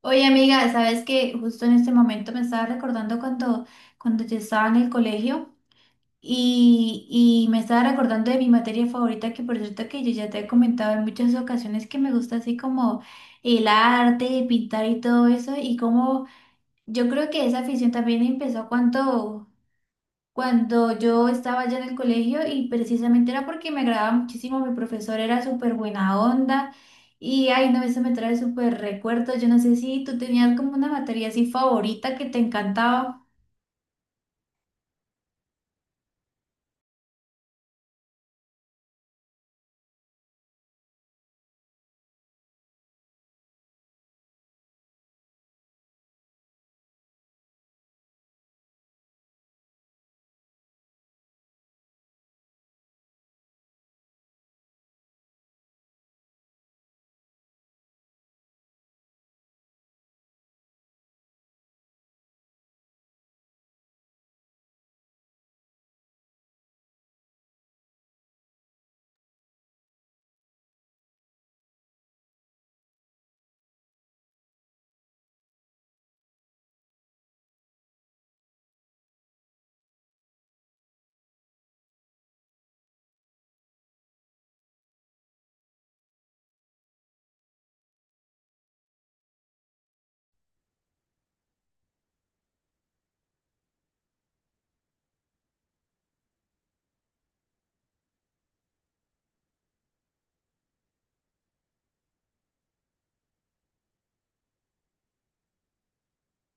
Oye, amiga, sabes que justo en este momento me estaba recordando cuando yo estaba en el colegio y me estaba recordando de mi materia favorita, que por cierto que yo ya te he comentado en muchas ocasiones que me gusta así como el arte, pintar y todo eso, y como yo creo que esa afición también empezó cuando yo estaba ya en el colegio y precisamente era porque me agradaba muchísimo, mi profesor era súper buena onda y ay no, eso me trae súper recuerdos, yo no sé si tú tenías como una materia así favorita que te encantaba.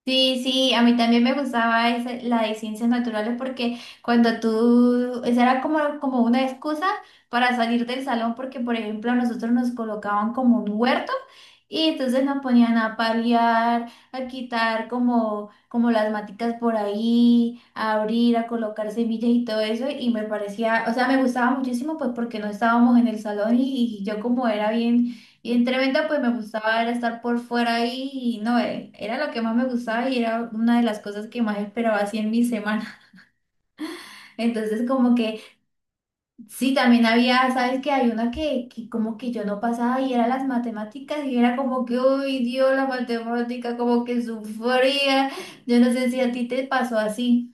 Sí, sí, a mí también me gustaba la de ciencias naturales porque cuando tú, esa era como, como una excusa para salir del salón porque, por ejemplo, a nosotros nos colocaban como un huerto y entonces nos ponían a paliar, a quitar como las maticas por ahí, a abrir, a colocar semillas y todo eso y me parecía, o sea, me gustaba muchísimo pues porque no estábamos en el salón y yo como era bien y en Tremenda pues me gustaba era estar por fuera ahí y no, era lo que más me gustaba y era una de las cosas que más esperaba así en mi semana. Entonces como que sí, también había, sabes que hay una que como que yo no pasaba y era las matemáticas y era como que, uy, Dios, la matemática como que sufría. Yo no sé si a ti te pasó así.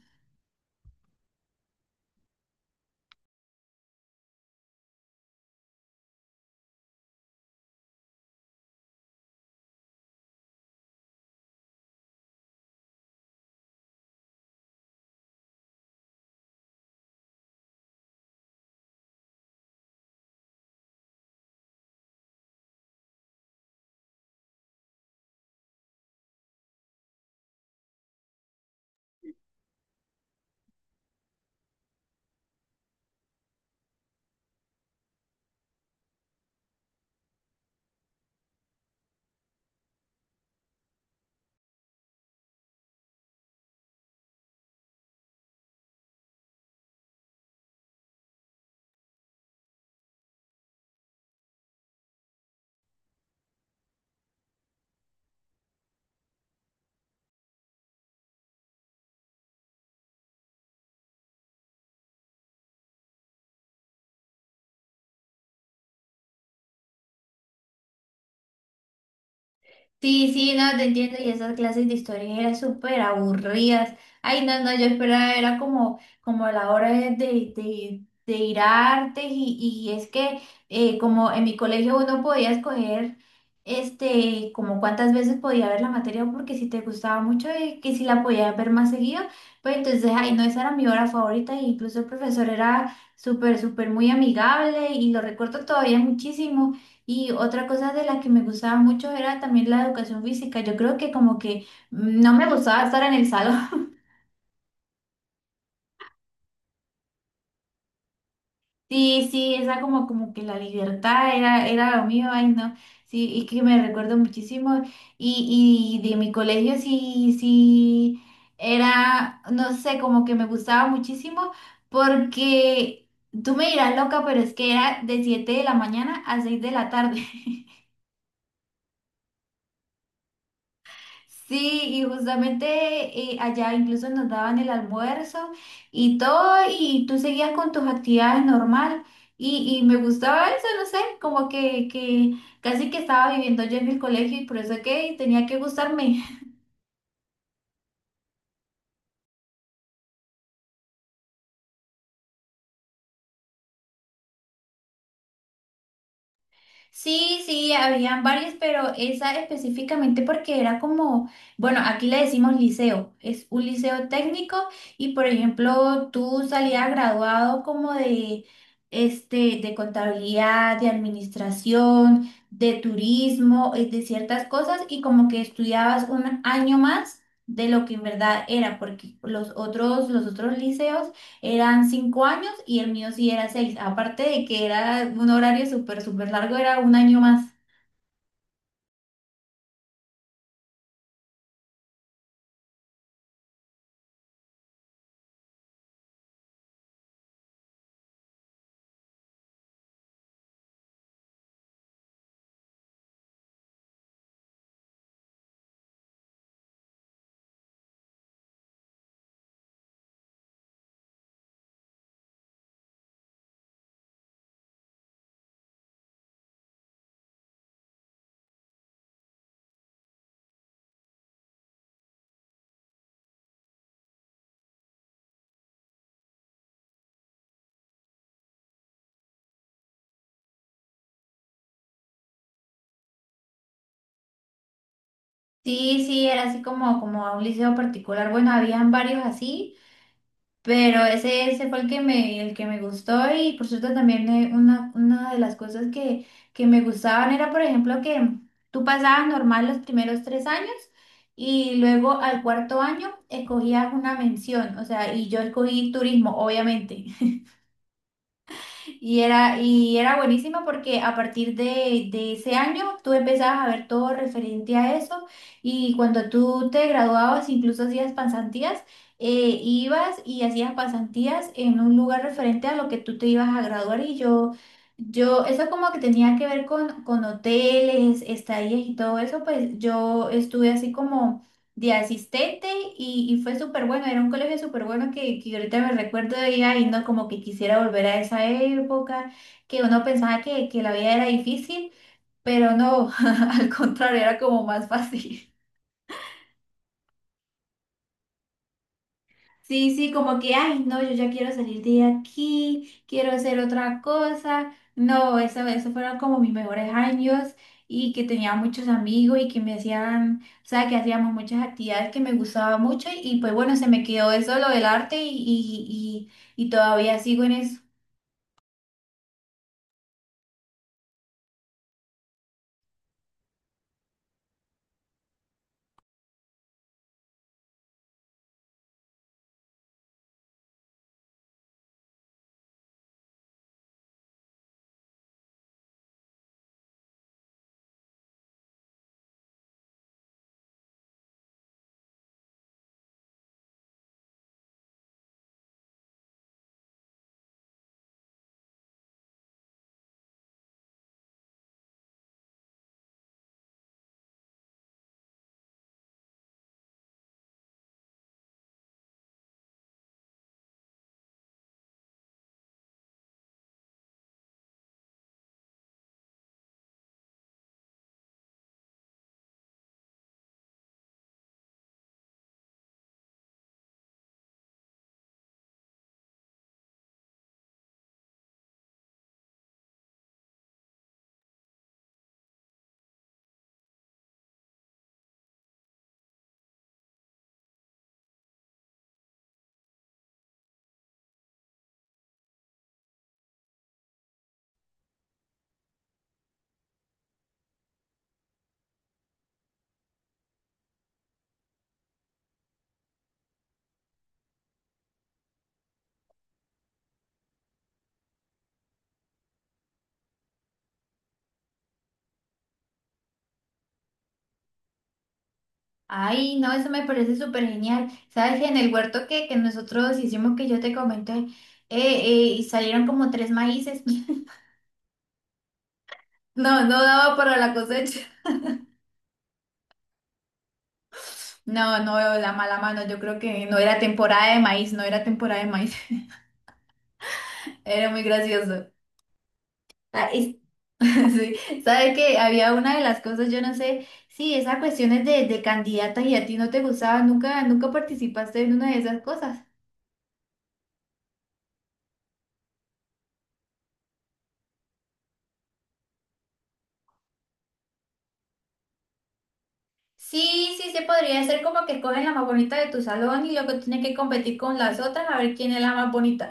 Sí, sí, no, te entiendo. Y esas clases de historia eran súper aburridas. Ay, no, no, yo esperaba, era como, como la hora de ir a artes y es que como en mi colegio uno podía escoger este, como cuántas veces podía ver la materia porque si te gustaba mucho y que si la podías ver más seguido, pues entonces, ay, no, esa era mi hora favorita e incluso el profesor era súper, súper muy amigable y lo recuerdo todavía muchísimo. Y otra cosa de la que me gustaba mucho era también la educación física. Yo creo que como que no me gustaba estar en el salón. Sí, sí, esa como, como que la libertad era, era lo mío, ay no. Sí, y que me recuerdo muchísimo. Y de mi colegio sí, sí, era, no sé, como que me gustaba muchísimo porque tú me dirás loca, pero es que era de 7 de la mañana a 6 de la tarde. Sí, y justamente allá incluso nos daban el almuerzo y todo, y tú seguías con tus actividades normal. Y me gustaba eso, no sé, como que casi que estaba viviendo yo en el colegio y por eso que tenía que gustarme. Sí, sí, habían varias, pero esa específicamente porque era como, bueno, aquí le decimos liceo, es un liceo técnico y por ejemplo tú salías graduado como de, este, de contabilidad, de administración, de turismo, de ciertas cosas y como que estudiabas un año más de lo que en verdad era, porque los otros liceos eran 5 años y el mío sí era 6. Aparte de que era un horario súper, súper largo, era un año más. Sí, sí, era así como, como a un liceo particular. Bueno, habían varios así, pero ese fue el que me gustó y por cierto también una de las cosas que me gustaban era, por ejemplo, que tú pasabas normal los primeros 3 años y luego al cuarto año escogías una mención, o sea, y yo escogí turismo, obviamente. Y era buenísima porque a partir de ese año tú empezabas a ver todo referente a eso y cuando tú te graduabas, incluso hacías pasantías, ibas y hacías pasantías en un lugar referente a lo que tú te ibas a graduar y eso como que tenía que ver con hoteles, estadías y todo eso, pues yo estuve así como de asistente y fue súper bueno, era un colegio súper bueno que ahorita me recuerdo de ella y no como que quisiera volver a esa época, que uno pensaba que la vida era difícil, pero no, al contrario, era como más fácil. Sí, sí, como que, ay, no, yo ya quiero salir de aquí, quiero hacer otra cosa. No, eso fueron como mis mejores años y que tenía muchos amigos y que me hacían, o sea, que hacíamos muchas actividades que me gustaba mucho y pues bueno, se me quedó eso, lo del arte y todavía sigo en eso. Ay, no, eso me parece súper genial. Sabes, que en el huerto que nosotros hicimos, que yo te comenté, y salieron como tres maíces. No, no daba para la cosecha. No, no veo la mala mano. Yo creo que no era temporada de maíz, no era temporada de maíz. Era muy gracioso. Ah, y- Sí, sabe que había una de las cosas, yo no sé, sí, esas cuestiones de candidatas y a ti no te gustaba, nunca, nunca participaste en una de esas cosas. Sí, sí, se podría hacer como que escogen la más bonita de tu salón y luego tienes que competir con las otras a ver quién es la más bonita.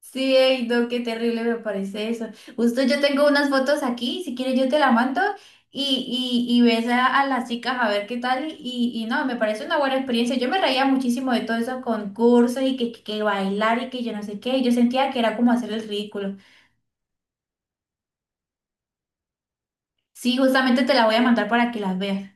Sí, ey, no, qué terrible me parece eso. Justo yo tengo unas fotos aquí, si quieres yo te la mando y ves a, las chicas a ver qué tal y no, me parece una buena experiencia. Yo me reía muchísimo de todos esos concursos y que bailar y que yo no sé qué, yo sentía que era como hacer el ridículo. Sí, justamente te la voy a mandar para que las veas.